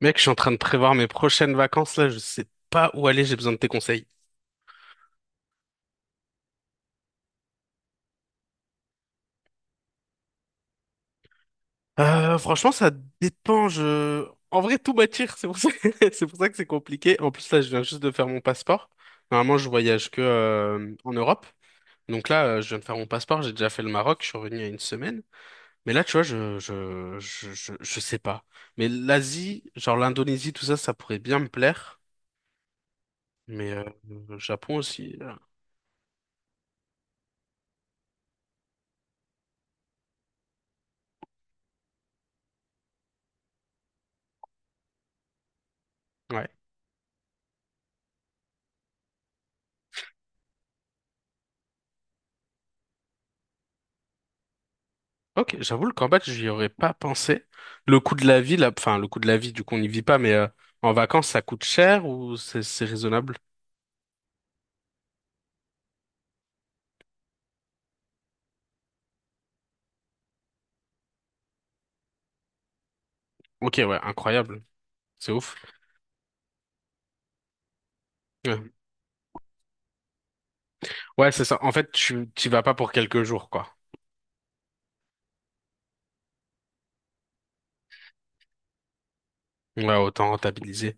Mec, je suis en train de prévoir mes prochaines vacances là, je sais pas où aller, j'ai besoin de tes conseils. Franchement, ça dépend, je... En vrai, tout m'attire, c'est pour ça... c'est pour ça que c'est compliqué. En plus, là, je viens juste de faire mon passeport. Normalement, je voyage que en Europe. Donc là, je viens de faire mon passeport, j'ai déjà fait le Maroc, je suis revenu il y a une semaine. Mais là, tu vois, je sais pas. Mais l'Asie, genre l'Indonésie, tout ça, ça pourrait bien me plaire. Mais le Japon aussi. Ouais. Ok, j'avoue, le Cambodge, j'y aurais pas pensé. Le coût de la vie, là, enfin, le coût de la vie, du coup, on n'y vit pas, mais en vacances, ça coûte cher ou c'est raisonnable? Ok, ouais, incroyable. C'est ouf. Ouais, ouais, c'est ça. En fait, tu t'y vas pas pour quelques jours, quoi. Ouais, autant rentabiliser.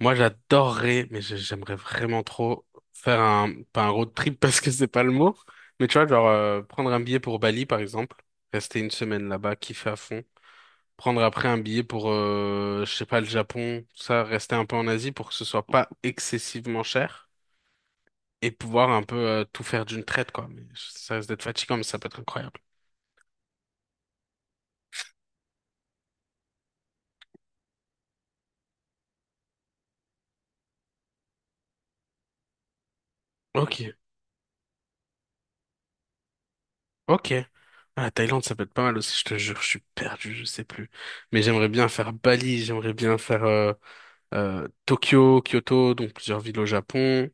Moi, j'adorerais, mais j'aimerais vraiment trop faire un, pas un road trip parce que c'est pas le mot, mais tu vois, genre, prendre un billet pour Bali, par exemple, rester une semaine là-bas, kiffer à fond. Prendre après un billet pour, je sais pas, le Japon, tout ça, rester un peu en Asie pour que ce soit pas excessivement cher et pouvoir un peu tout faire d'une traite, quoi. Mais ça risque d'être fatigant, mais ça peut être incroyable. Ok, ok. Ah, la Thaïlande, ça peut être pas mal aussi, je te jure, je suis perdu, je sais plus. Mais j'aimerais bien faire Bali, j'aimerais bien faire Tokyo, Kyoto, donc plusieurs villes au Japon.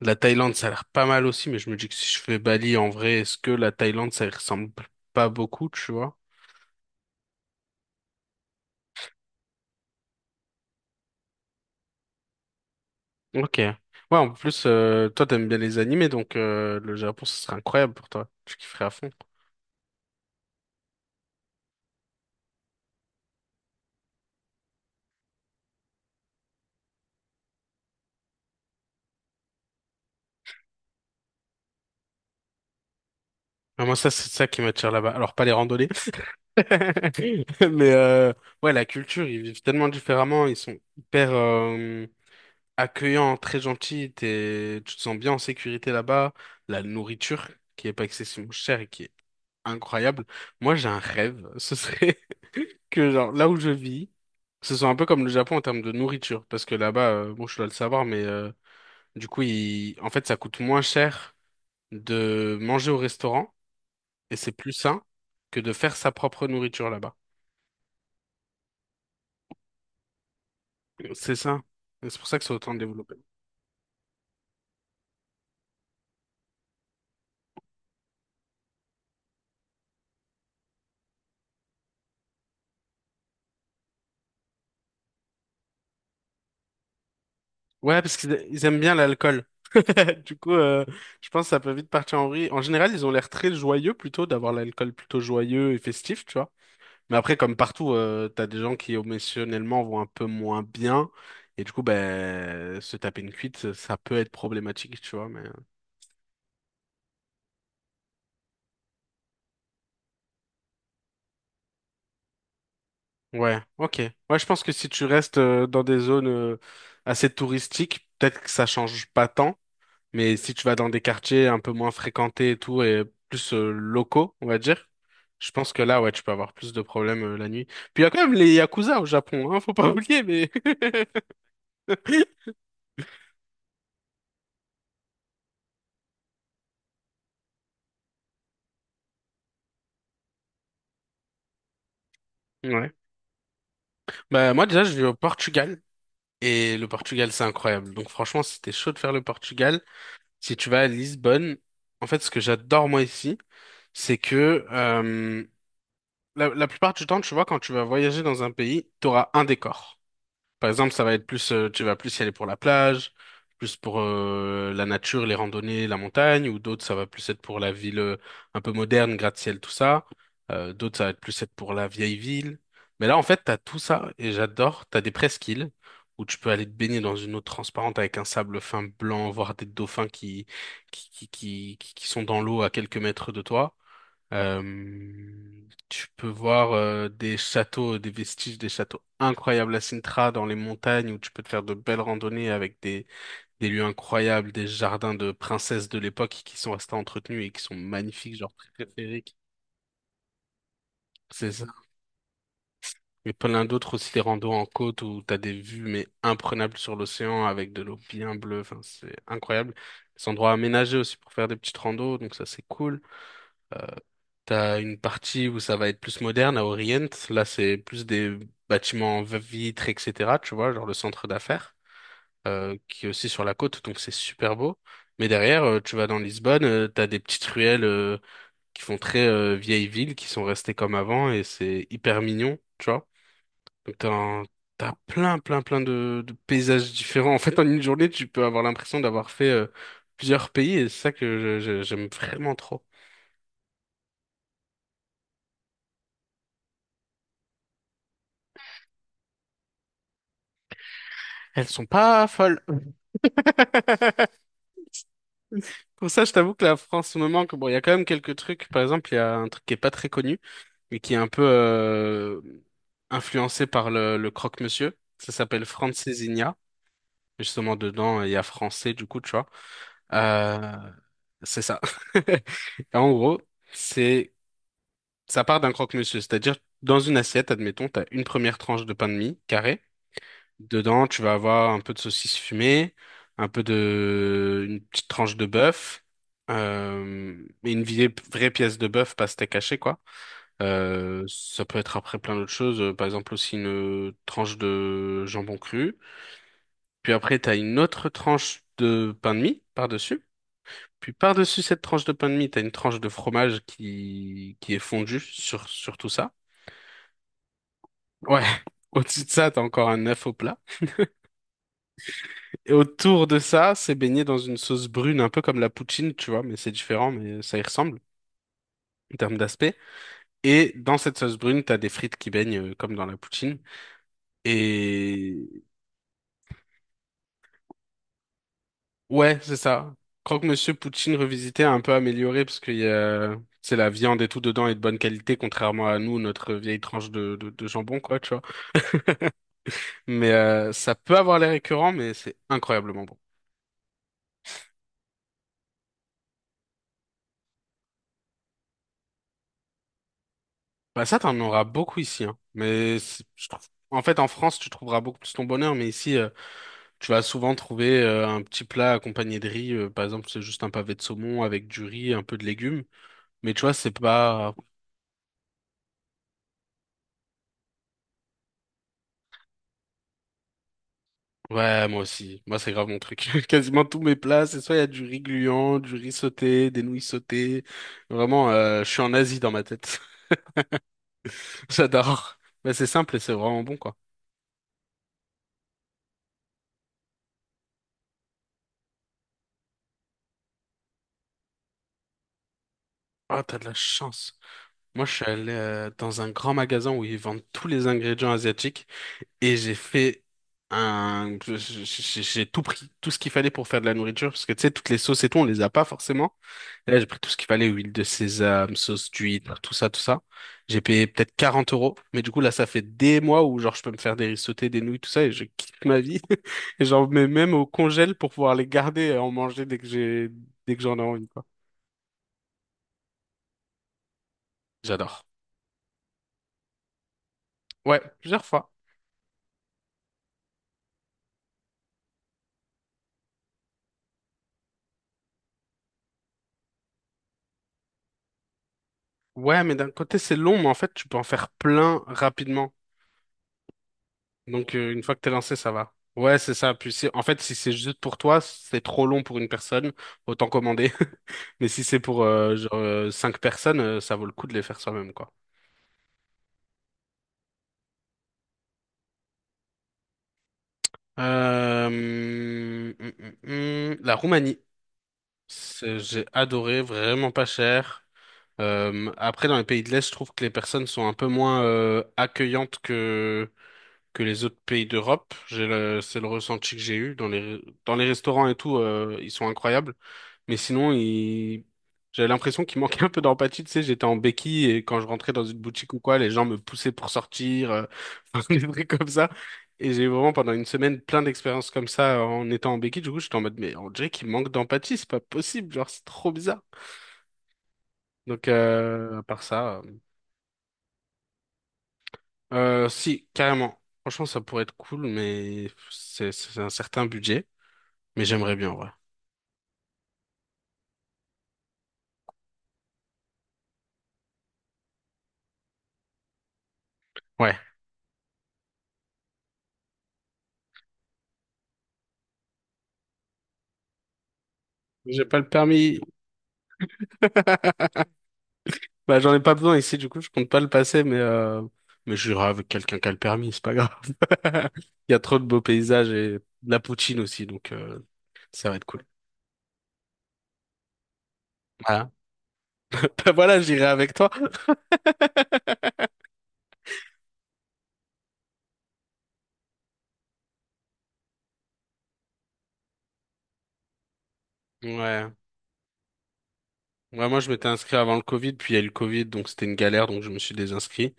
La Thaïlande, ça a l'air pas mal aussi, mais je me dis que si je fais Bali, en vrai, est-ce que la Thaïlande, ça y ressemble pas beaucoup, tu vois? Ok. Ouais, en plus, toi, t'aimes bien les animés, donc le Japon, ce serait incroyable pour toi. Tu kifferais à fond. Ah, moi, ça, c'est ça qui m'attire là-bas. Alors, pas les randonnées, mais ouais, la culture, ils vivent tellement différemment. Ils sont hyper accueillants, très gentils. Tu te sens bien en sécurité là-bas. La nourriture, qui est pas excessivement chère et qui est incroyable. Moi, j'ai un rêve. Ce serait que, genre, là où je vis, ce soit un peu comme le Japon en termes de nourriture. Parce que là-bas, bon, je dois le savoir, mais... du coup, en fait, ça coûte moins cher de manger au restaurant et c'est plus sain que de faire sa propre nourriture là-bas. C'est ça. Et c'est pour ça que c'est autant développé. Ouais, parce qu'ils aiment bien l'alcool. Du coup, je pense que ça peut vite partir en vrille. En général, ils ont l'air très joyeux plutôt d'avoir l'alcool plutôt joyeux et festif, tu vois. Mais après, comme partout, t'as des gens qui émotionnellement vont un peu moins bien. Et du coup, ben, se taper une cuite, ça peut être problématique, tu vois. Mais. Ouais, ok. Ouais, je pense que si tu restes dans des zones assez touristiques, peut-être que ça change pas tant, mais si tu vas dans des quartiers un peu moins fréquentés et tout, et plus locaux, on va dire, je pense que là, ouais, tu peux avoir plus de problèmes la nuit. Puis il y a quand même les Yakuza au Japon, hein, faut pas oublier, mais... Ouais. Bah moi déjà, je vis au Portugal, et le Portugal, c'est incroyable. Donc franchement, si t'es chaud de faire le Portugal, si tu vas à Lisbonne, en fait, ce que j'adore moi ici, c'est que... la plupart du temps, tu vois, quand tu vas voyager dans un pays, tu auras un décor. Par exemple, ça va être plus, tu vas plus y aller pour la plage, plus pour la nature, les randonnées, la montagne, ou d'autres, ça va plus être pour la ville un peu moderne, gratte-ciel, tout ça. D'autres, ça va être plus être pour la vieille ville. Mais là, en fait, t'as tout ça, et j'adore. T'as des presqu'îles où tu peux aller te baigner dans une eau transparente avec un sable fin blanc, voir des dauphins qui sont dans l'eau à quelques mètres de toi. Euh, Tu peux voir des châteaux, des vestiges des châteaux incroyables à Sintra dans les montagnes où tu peux te faire de belles randonnées avec des lieux incroyables, des jardins de princesses de l'époque qui sont restés entretenus et qui sont magnifiques, genre préférés. C'est ça. Mais plein d'autres aussi, des randos en côte où t'as des vues mais imprenables sur l'océan avec de l'eau bien bleue. Enfin, c'est incroyable. Des endroits aménagés aussi pour faire des petites randos, donc ça c'est cool. Euh, T'as une partie où ça va être plus moderne à Orient. Là, c'est plus des bâtiments en vitres, etc. Tu vois, genre le centre d'affaires, qui est aussi sur la côte, donc c'est super beau. Mais derrière, tu vas dans Lisbonne, t'as des petites ruelles, qui font très, vieille ville, qui sont restées comme avant, et c'est hyper mignon, tu vois. Donc t'as plein, plein, plein de paysages différents. En fait, en une journée, tu peux avoir l'impression d'avoir fait, plusieurs pays, et c'est ça que j'aime vraiment trop. Elles sont pas folles. Pour ça, je t'avoue que la France me manque. Bon, il y a quand même quelques trucs. Par exemple, il y a un truc qui est pas très connu, mais qui est un peu influencé par le croque-monsieur. Ça s'appelle Francesinha. Justement, dedans, il y a français, du coup, tu vois. Euh, c'est ça. Et en gros, c'est ça part d'un croque-monsieur. C'est-à-dire, dans une assiette, admettons, t'as une première tranche de pain de mie carré. Dedans, tu vas avoir un peu de saucisse fumée, une petite tranche de bœuf, et une vraie pièce de bœuf, pas steak haché, quoi. Ça peut être après plein d'autres choses, par exemple aussi une tranche de jambon cru. Puis après, t'as une autre tranche de pain de mie par-dessus. Puis par-dessus cette tranche de pain de mie, t'as une tranche de fromage qui est fondue sur tout ça. Ouais. Au-dessus de ça, t'as encore un œuf au plat. Et autour de ça, c'est baigné dans une sauce brune, un peu comme la poutine, tu vois, mais c'est différent, mais ça y ressemble en termes d'aspect. Et dans cette sauce brune, t'as des frites qui baignent comme dans la poutine. Et ouais, c'est ça. Croque-monsieur poutine revisité a un peu amélioré parce qu'c'est la viande et tout dedans est de bonne qualité, contrairement à nous, notre vieille tranche de jambon, quoi, tu vois. Mais ça peut avoir l'air récurrent, mais c'est incroyablement bon. Bah ça, t'en auras beaucoup ici, hein. Mais je trouve. En fait, en France, tu trouveras beaucoup plus ton bonheur, mais ici. Tu vas souvent trouver un petit plat accompagné de riz, par exemple, c'est juste un pavé de saumon avec du riz, un peu de légumes. Mais tu vois, c'est pas... Ouais, moi aussi. Moi, c'est grave mon truc. Quasiment tous mes plats, c'est soit il y a du riz gluant, du riz sauté, des nouilles sautées. Vraiment, je suis en Asie dans ma tête. J'adore. Mais c'est simple et c'est vraiment bon, quoi. Ah, t'as de la chance. Moi, je suis allé dans un grand magasin où ils vendent tous les ingrédients asiatiques. Et j'ai fait un... je- j'ai tout pris, tout ce qu'il fallait pour faire de la nourriture, parce que tu sais, toutes les sauces et tout, on les a pas forcément. Et là, j'ai pris tout ce qu'il fallait, huile de sésame, sauce d'huître, tout ça, tout ça. J'ai payé peut-être 40 euros, mais du coup, là, ça fait des mois où, genre, je peux me faire des riz sautés, des nouilles, tout ça, et je kiffe ma vie. Et j'en mets même au congèle pour pouvoir les garder et en manger dès que j'en ai envie, quoi. J'adore. Ouais, plusieurs fois. Ouais, mais d'un côté, c'est long, mais en fait, tu peux en faire plein rapidement. Donc, une fois que t'es lancé, ça va. Ouais, c'est ça. Puis, en fait, si c'est juste pour toi, c'est trop long pour une personne, autant commander. Mais si c'est pour genre, cinq personnes, ça vaut le coup de les faire soi-même, quoi. Euh, hum, hum, la Roumanie, j'ai adoré, vraiment pas cher. Après, dans les pays de l'Est, je trouve que les personnes sont un peu moins accueillantes que les autres pays d'Europe. C'est le ressenti que j'ai eu dans les restaurants et tout, ils sont incroyables. Mais sinon, j'avais l'impression qu'il manquait un peu d'empathie. Tu sais, j'étais en béquille et quand je rentrais dans une boutique ou quoi, les gens me poussaient pour sortir, enfin, des trucs comme ça. Et j'ai eu vraiment pendant une semaine plein d'expériences comme ça en étant en béquille. Du coup, j'étais en mode, mais on dirait qu'il manque d'empathie, c'est pas possible, genre, c'est trop bizarre. Donc, à part ça, si, carrément. Franchement, ça pourrait être cool, mais c'est un certain budget. Mais j'aimerais bien, en vrai. Ouais. J'ai pas le permis. Bah, j'en ai pas besoin ici, du coup, je compte pas le passer, mais j'irai avec quelqu'un qui a le permis, c'est pas grave. Il y a trop de beaux paysages et de la poutine aussi, donc ça va être cool. Voilà, bah, voilà, j'irai avec toi. Ouais. Ouais, moi, je m'étais inscrit avant le Covid, puis il y a eu le Covid, donc c'était une galère, donc je me suis désinscrit.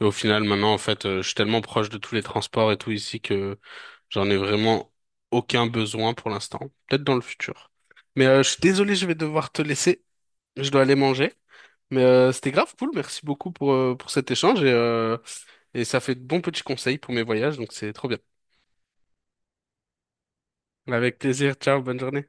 Et au final, maintenant, en fait, je suis tellement proche de tous les transports et tout ici que j'en ai vraiment aucun besoin pour l'instant. Peut-être dans le futur. Mais je suis désolé, je vais devoir te laisser. Je dois aller manger. Mais c'était grave cool. Merci beaucoup pour cet échange et ça fait de bons petits conseils pour mes voyages, donc c'est trop bien. Avec plaisir. Ciao, bonne journée.